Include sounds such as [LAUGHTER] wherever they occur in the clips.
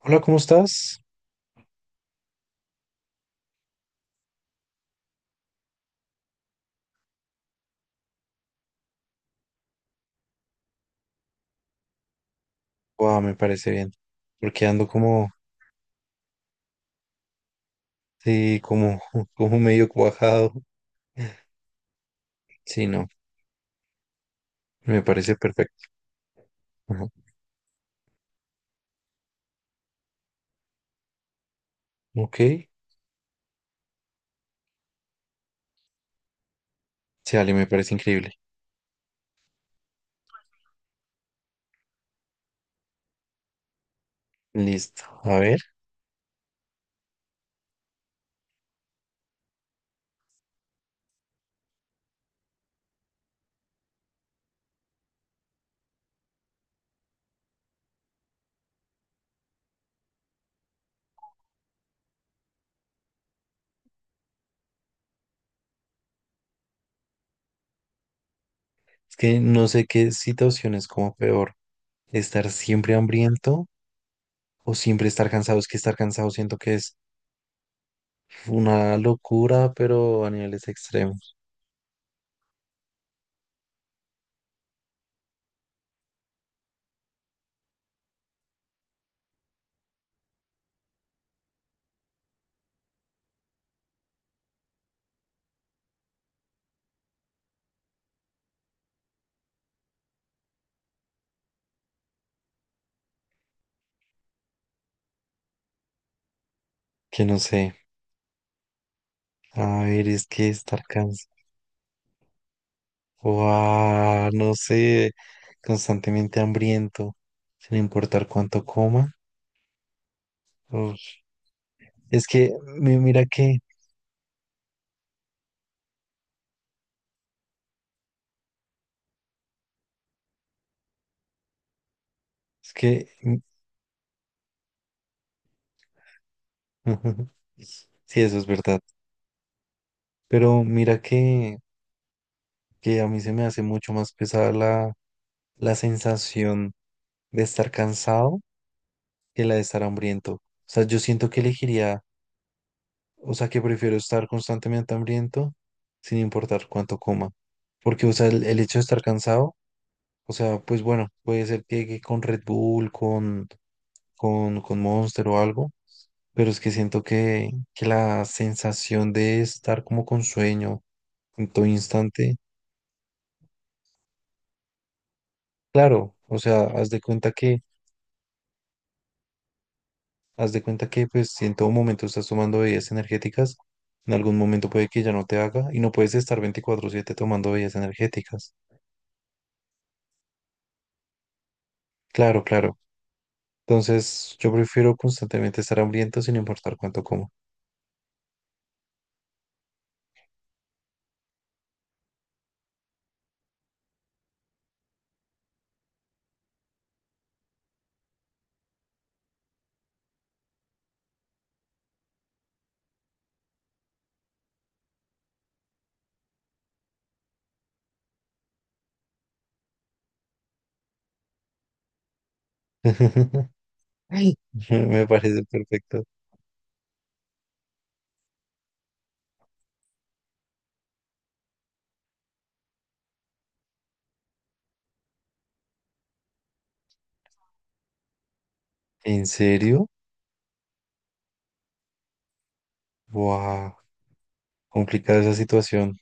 Hola, ¿cómo estás? Guau, me parece bien. Porque ando como, sí, como, [LAUGHS] como medio cuajado. Sí, no, me parece perfecto. Ajá. Ok, sí, Ale, me parece increíble. Listo. A ver, es que no sé qué situación es como peor. Estar siempre hambriento o siempre estar cansado. Es que estar cansado siento que es una locura, pero a niveles extremos. Que no sé. A ver, es que estar cansado. Guau, no sé, constantemente hambriento, sin importar cuánto coma. Uf. Es que, mira que, es que, [LAUGHS] sí, eso es verdad. Pero mira que, a mí se me hace mucho más pesada la sensación de estar cansado que la de estar hambriento. O sea, yo siento que elegiría, o sea, que prefiero estar constantemente hambriento sin importar cuánto coma. Porque, o sea, el hecho de estar cansado. O sea, pues bueno, puede ser que con Red Bull, con Monster o algo, pero es que siento que la sensación de estar como con sueño en todo instante, claro, o sea, haz de cuenta que pues si en todo momento estás tomando bebidas energéticas, en algún momento puede que ya no te haga y no puedes estar 24/7 tomando bebidas energéticas. Claro, claro. Entonces, yo prefiero constantemente estar hambriento sin importar cuánto como. [LAUGHS] Me parece perfecto. ¿En serio? ¡Wow! Complicada esa situación.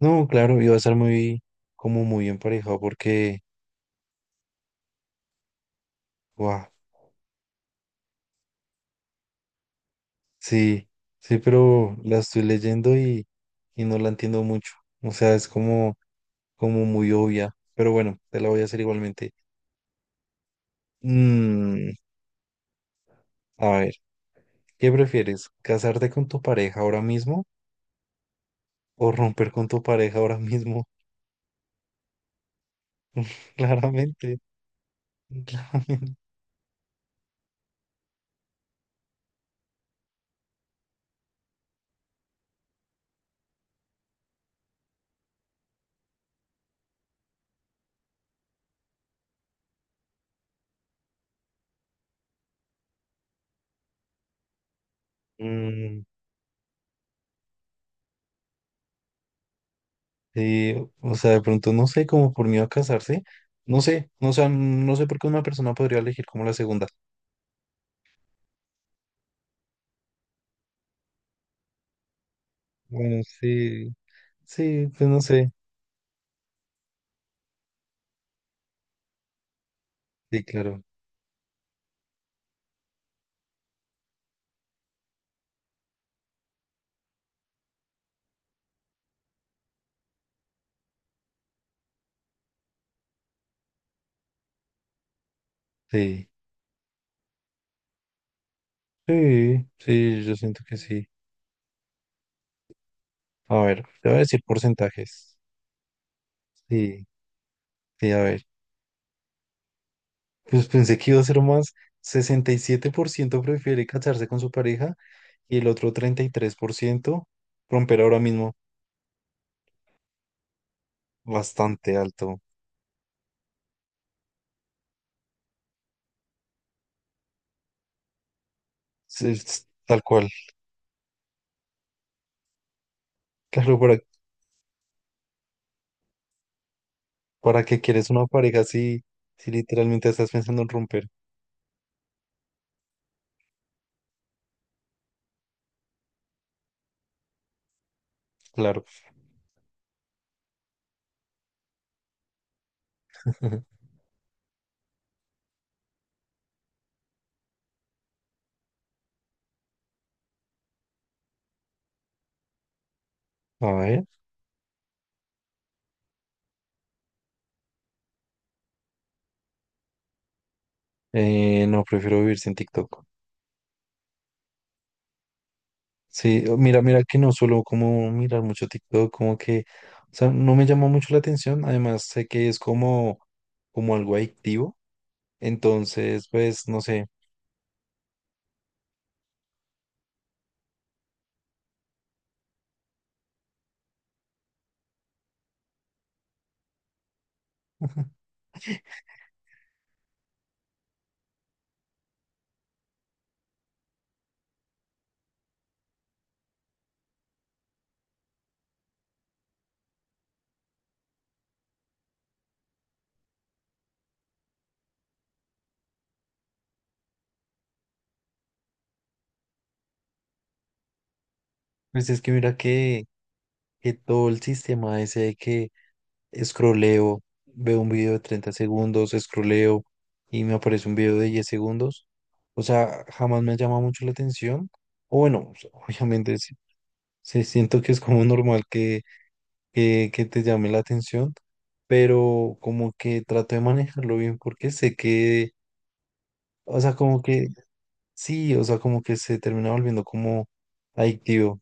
No, claro, iba a ser muy, como muy emparejado porque, ¡wow! Sí, sí, pero la estoy leyendo y no la entiendo mucho. O sea, es como muy obvia. Pero bueno, te la voy a hacer igualmente. Mm, a ver, ¿qué prefieres? ¿Casarte con tu pareja ahora mismo o romper con tu pareja ahora mismo? [LAUGHS] Claramente, claramente. Mm, o sea, de pronto no sé, como por miedo a casarse, no sé, no, sé no sé por qué una persona podría elegir como la segunda. Bueno, sí, sí, pues no sé, sí, claro, sí, sí, sí, yo siento que sí. A ver, te voy a decir porcentajes. Sí, sí, a ver, pues pensé que iba a ser más, 67% prefiere casarse con su pareja y el otro 33% romper ahora mismo, bastante alto, sí, es tal cual. Claro, por ¿Para qué quieres una pareja si, literalmente estás pensando en romper? Claro. [LAUGHS] A ver. No, prefiero vivir sin TikTok. Sí, mira, mira que no suelo como mirar mucho TikTok, como que, o sea, no me llamó mucho la atención. Además, sé que es como algo adictivo. Entonces, pues, no sé. Pues es que mira que todo el sistema ese de que scrolleo, veo un video de 30 segundos, scrolleo y me aparece un video de 10 segundos. O sea, jamás me llama mucho la atención. O bueno, [LAUGHS] o obviamente sí, sí siento que es como normal que, que te llame la atención, pero como que trato de manejarlo bien porque sé que, o sea, como que sí, o sea, como que se termina volviendo como adictivo.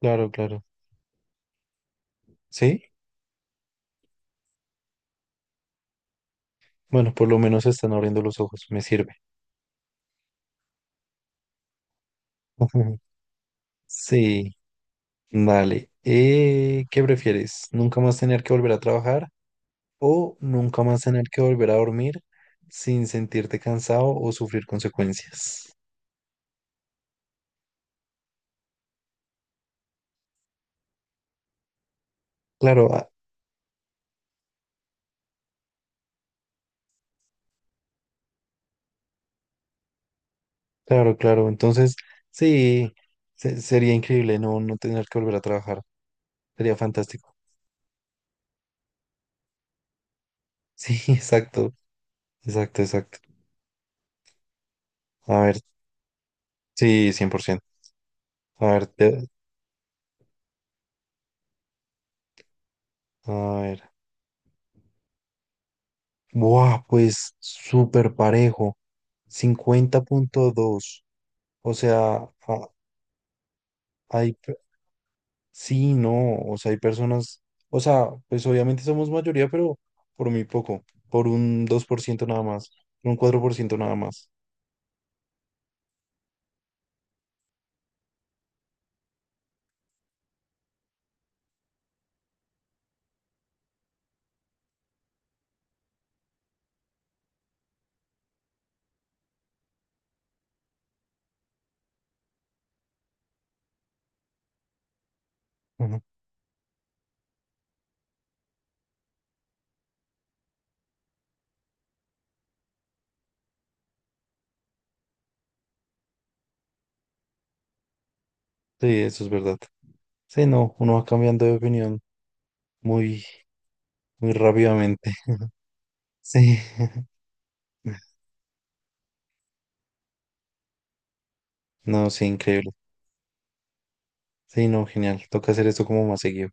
Claro, claro. ¿Sí? Bueno, por lo menos están abriendo los ojos, me sirve. [LAUGHS] Sí. Vale, ¿qué prefieres? ¿Nunca más tener que volver a trabajar o nunca más tener que volver a dormir sin sentirte cansado o sufrir consecuencias? Claro, ah, claro, claro. Entonces, sí, sería increíble no, tener que volver a trabajar. Sería fantástico. [LAUGHS] Sí, exacto, exacto, exacto. A ver, sí, 100%. A ver, a ver. Buah, pues súper parejo. 50,2. O sea, hay, sí, no, o sea, hay personas, o sea, pues obviamente somos mayoría, pero por muy poco, por un 2% nada más, un 4% nada más. Ujú. Sí, eso es verdad. Sí, no, uno va cambiando de opinión muy, muy rápidamente. [LAUGHS] Sí, [LAUGHS] no, sí, increíble. Sí, no, genial. Toca hacer esto como más seguido.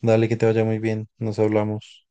Dale, que te vaya muy bien. Nos hablamos.